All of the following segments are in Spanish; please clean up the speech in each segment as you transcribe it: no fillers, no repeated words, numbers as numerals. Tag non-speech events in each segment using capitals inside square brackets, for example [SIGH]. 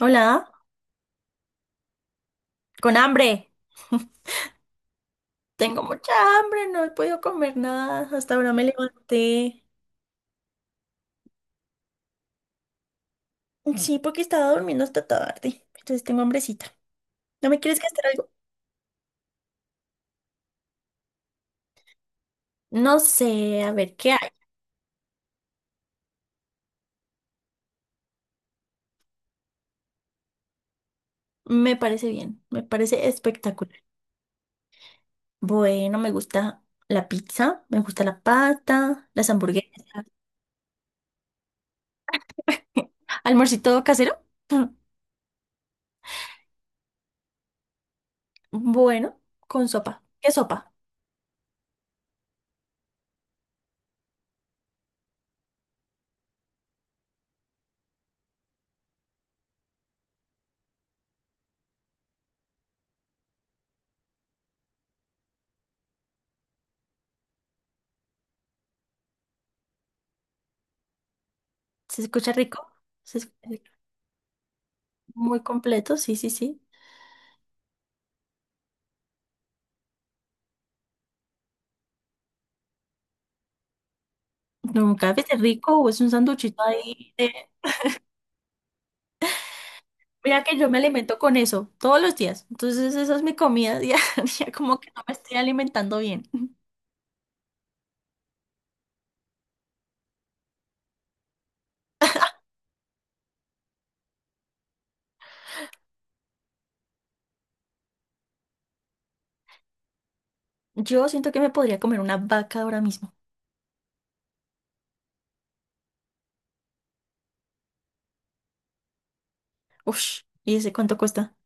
Hola, con hambre. [LAUGHS] Tengo mucha hambre, no he podido comer nada. Hasta ahora me levanté. Sí, porque estaba durmiendo hasta tarde. Entonces tengo hambrecita. ¿No me quieres gastar algo? No sé, a ver, ¿qué hay? Me parece bien, me parece espectacular. Bueno, me gusta la pizza, me gusta la pasta, las hamburguesas. [LAUGHS] ¿Almorcito casero? [CLEARS THROAT] [LAUGHS] Bueno, con sopa. ¿Qué sopa? ¿Se escucha rico? ¿Se escucha rico? Muy completo, sí, sí, sí. No, café es rico o es un sanduchito ahí. Mira que yo me alimento con eso todos los días. Entonces esa es mi comida diaria, [LAUGHS] como que no me estoy alimentando bien. Yo siento que me podría comer una vaca ahora mismo. Ush, ¿y ese cuánto cuesta?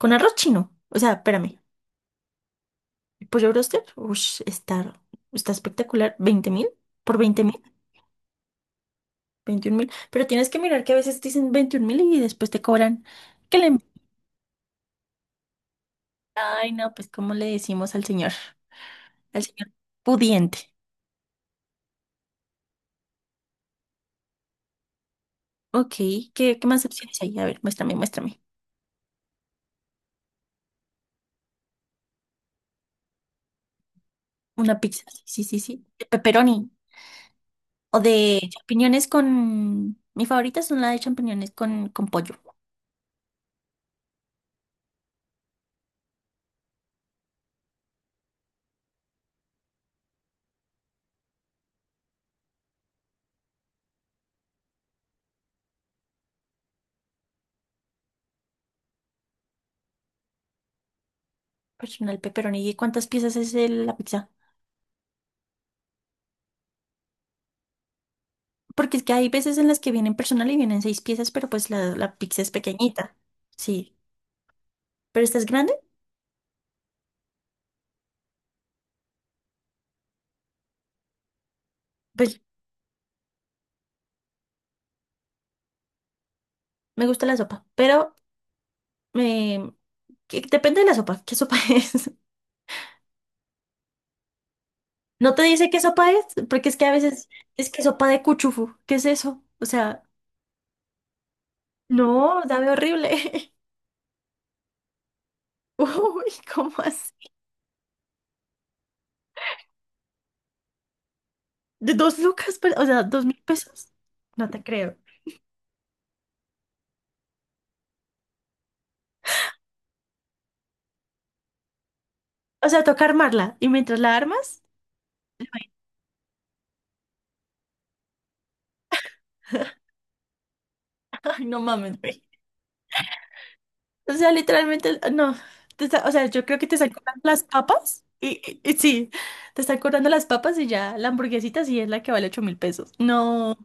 Con arroz chino. O sea, espérame. ¿El pollo bróster? Ush, está espectacular. ¿20.000? ¿Por 20.000? ¿21.000? Pero tienes que mirar que a veces dicen 21.000 y después te cobran. que le... Ay, no, pues ¿cómo le decimos al señor? Al señor pudiente. Ok, ¿qué más opciones hay? A ver, muéstrame, muéstrame. Una pizza, sí, sí, sí, sí. De pepperoni o de champiñones Mi favorita son la de champiñones con pollo. Personal pepperoni. ¿Y cuántas piezas es la pizza? Porque es que hay veces en las que vienen personal y vienen seis piezas, pero pues la pizza es pequeñita. Sí. ¿Pero esta es grande? Pues me gusta la sopa, pero eh, depende de la sopa. ¿Qué sopa [LAUGHS] es? No te dice qué sopa es, porque es que a veces es que sopa de cuchufu. ¿Qué es eso? O sea. No, sabe horrible. [LAUGHS] Uy, ¿cómo así? ¿De dos lucas? O sea, ¿2.000 pesos? No te creo. O sea, toca armarla. ¿Y mientras la armas? [LAUGHS] Ay, no mames, güey. O sea, literalmente, ah, no. O sea, yo creo que te están cobrando las papas. Y sí, te están cobrando las papas y ya la hamburguesita sí es la que vale 8.000 pesos. No,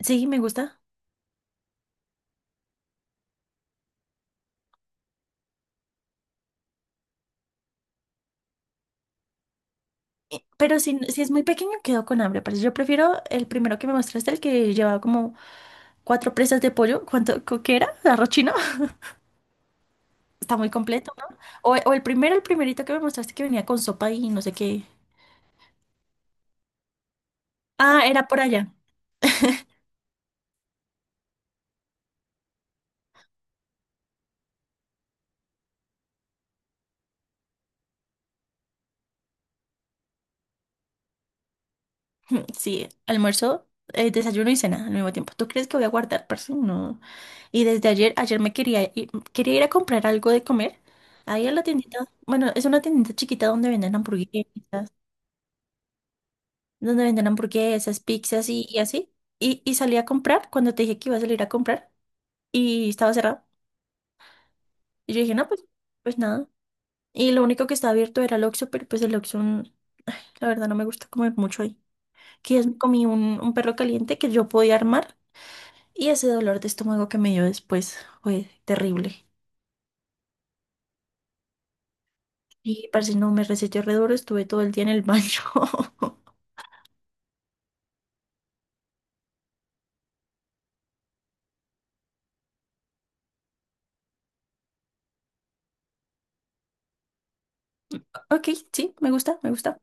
sí, me gusta. Pero si es muy pequeño, quedo con hambre. Pero yo prefiero el primero que me mostraste, el que llevaba como cuatro presas de pollo. ¿Qué era? ¿Arroz chino? Está muy completo, ¿no? O el primero, el primerito que me mostraste que venía con sopa y no sé qué. Ah, era por allá. [LAUGHS] Sí, almuerzo, desayuno y cena al mismo tiempo. ¿Tú crees que voy a guardar, parce? No. Y desde ayer me quería ir a comprar algo de comer. Ahí a la tiendita, bueno, es una tiendita chiquita donde venden hamburguesas, pizzas y así. Y salí a comprar cuando te dije que iba a salir a comprar y estaba cerrado. Y yo dije, no, pues nada. Y lo único que estaba abierto era el Oxxo, pero pues el Oxxo, la verdad, no me gusta comer mucho ahí. Comí un perro caliente que yo podía armar y ese dolor de estómago que me dio después fue terrible. Y parce, no me reseteó re duro, estuve todo el día en el baño. [LAUGHS] Ok, sí, me gusta, me gusta.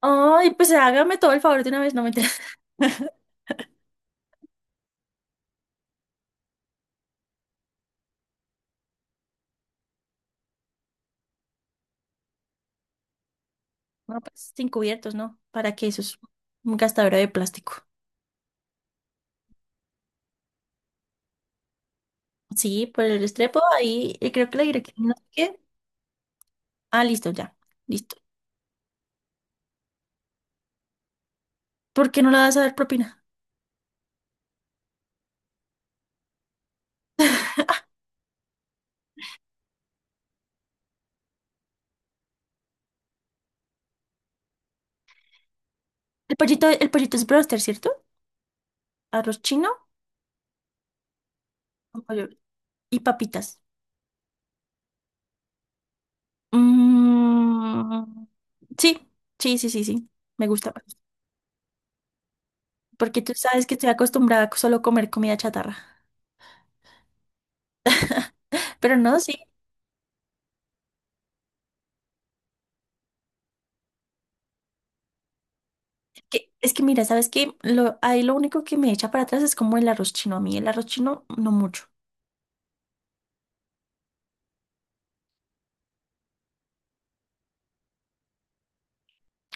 Ay, pues hágame todo el favor de una vez, no me interesa. [LAUGHS] No, pues sin cubiertos, ¿no? ¿Para qué? Eso es un gastadero de plástico. Sí, por el estrepo ahí, y creo que la dirección no sé qué. Ah, listo, ya, listo. ¿Por qué no le vas a dar propina? El pollito es broster, ¿cierto? Arroz chino Nueva York. Y papitas. Mm, sí, sí, sí, sí, sí. Me gusta más. Porque tú sabes que estoy acostumbrada a solo comer comida chatarra. Pero no, sí. Es que mira, ¿sabes qué? Ahí lo único que me echa para atrás es como el arroz chino. A mí el arroz chino no mucho.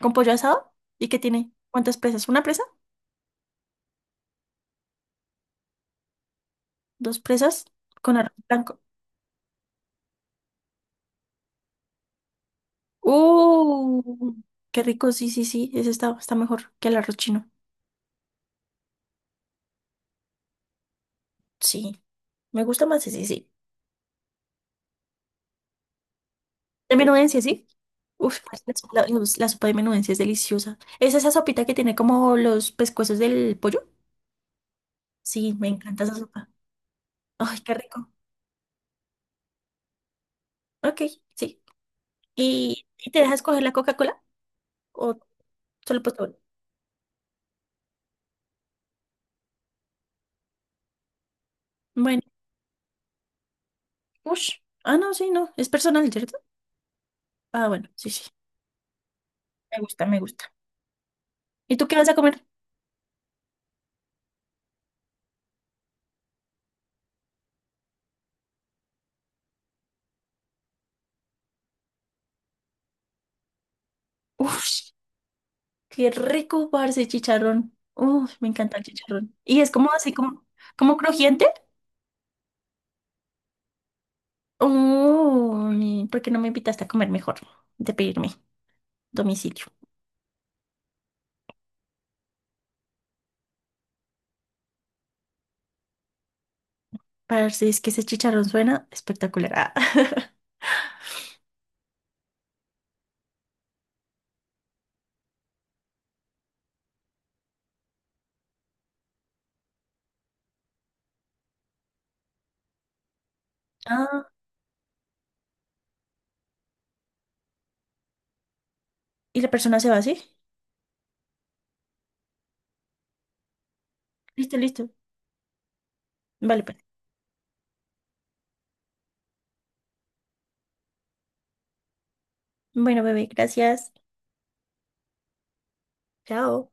¿Con pollo asado? ¿Y qué tiene? ¿Cuántas presas? ¿Una presa? ¿Dos presas? Con arroz blanco. ¡Uh! Qué rico, sí, sí, sí. Ese está mejor que el arroz chino. Sí. Me gusta más ese, sí, sí. De menudencia, ¿sí? Uf, la, sopa la- la sopa de menudencia es deliciosa. ¿Es esa sopita que tiene como los pescuezos del pollo? Sí, me encanta esa sopa. Ay, qué rico. Ok, sí. ¿Y te dejas coger la Coca-Cola? ¿O solo postre? Bueno, ush. Ah, no, sí, no. Es personal, ¿cierto? Ah, bueno, sí, sí. Me gusta, me gusta. ¿Y tú qué vas a comer? Uf, qué rico, parce, chicharrón. Uf, me encanta el chicharrón. Y es como así, como crujiente. Oh, ¿por qué no me invitaste a comer mejor? De pedirme domicilio. Parce, es que ese chicharrón suena espectacular. Ah, [LAUGHS] Ah, y la persona se va así. Listo, listo. Vale, pues. Bueno, bebé, gracias. Chao.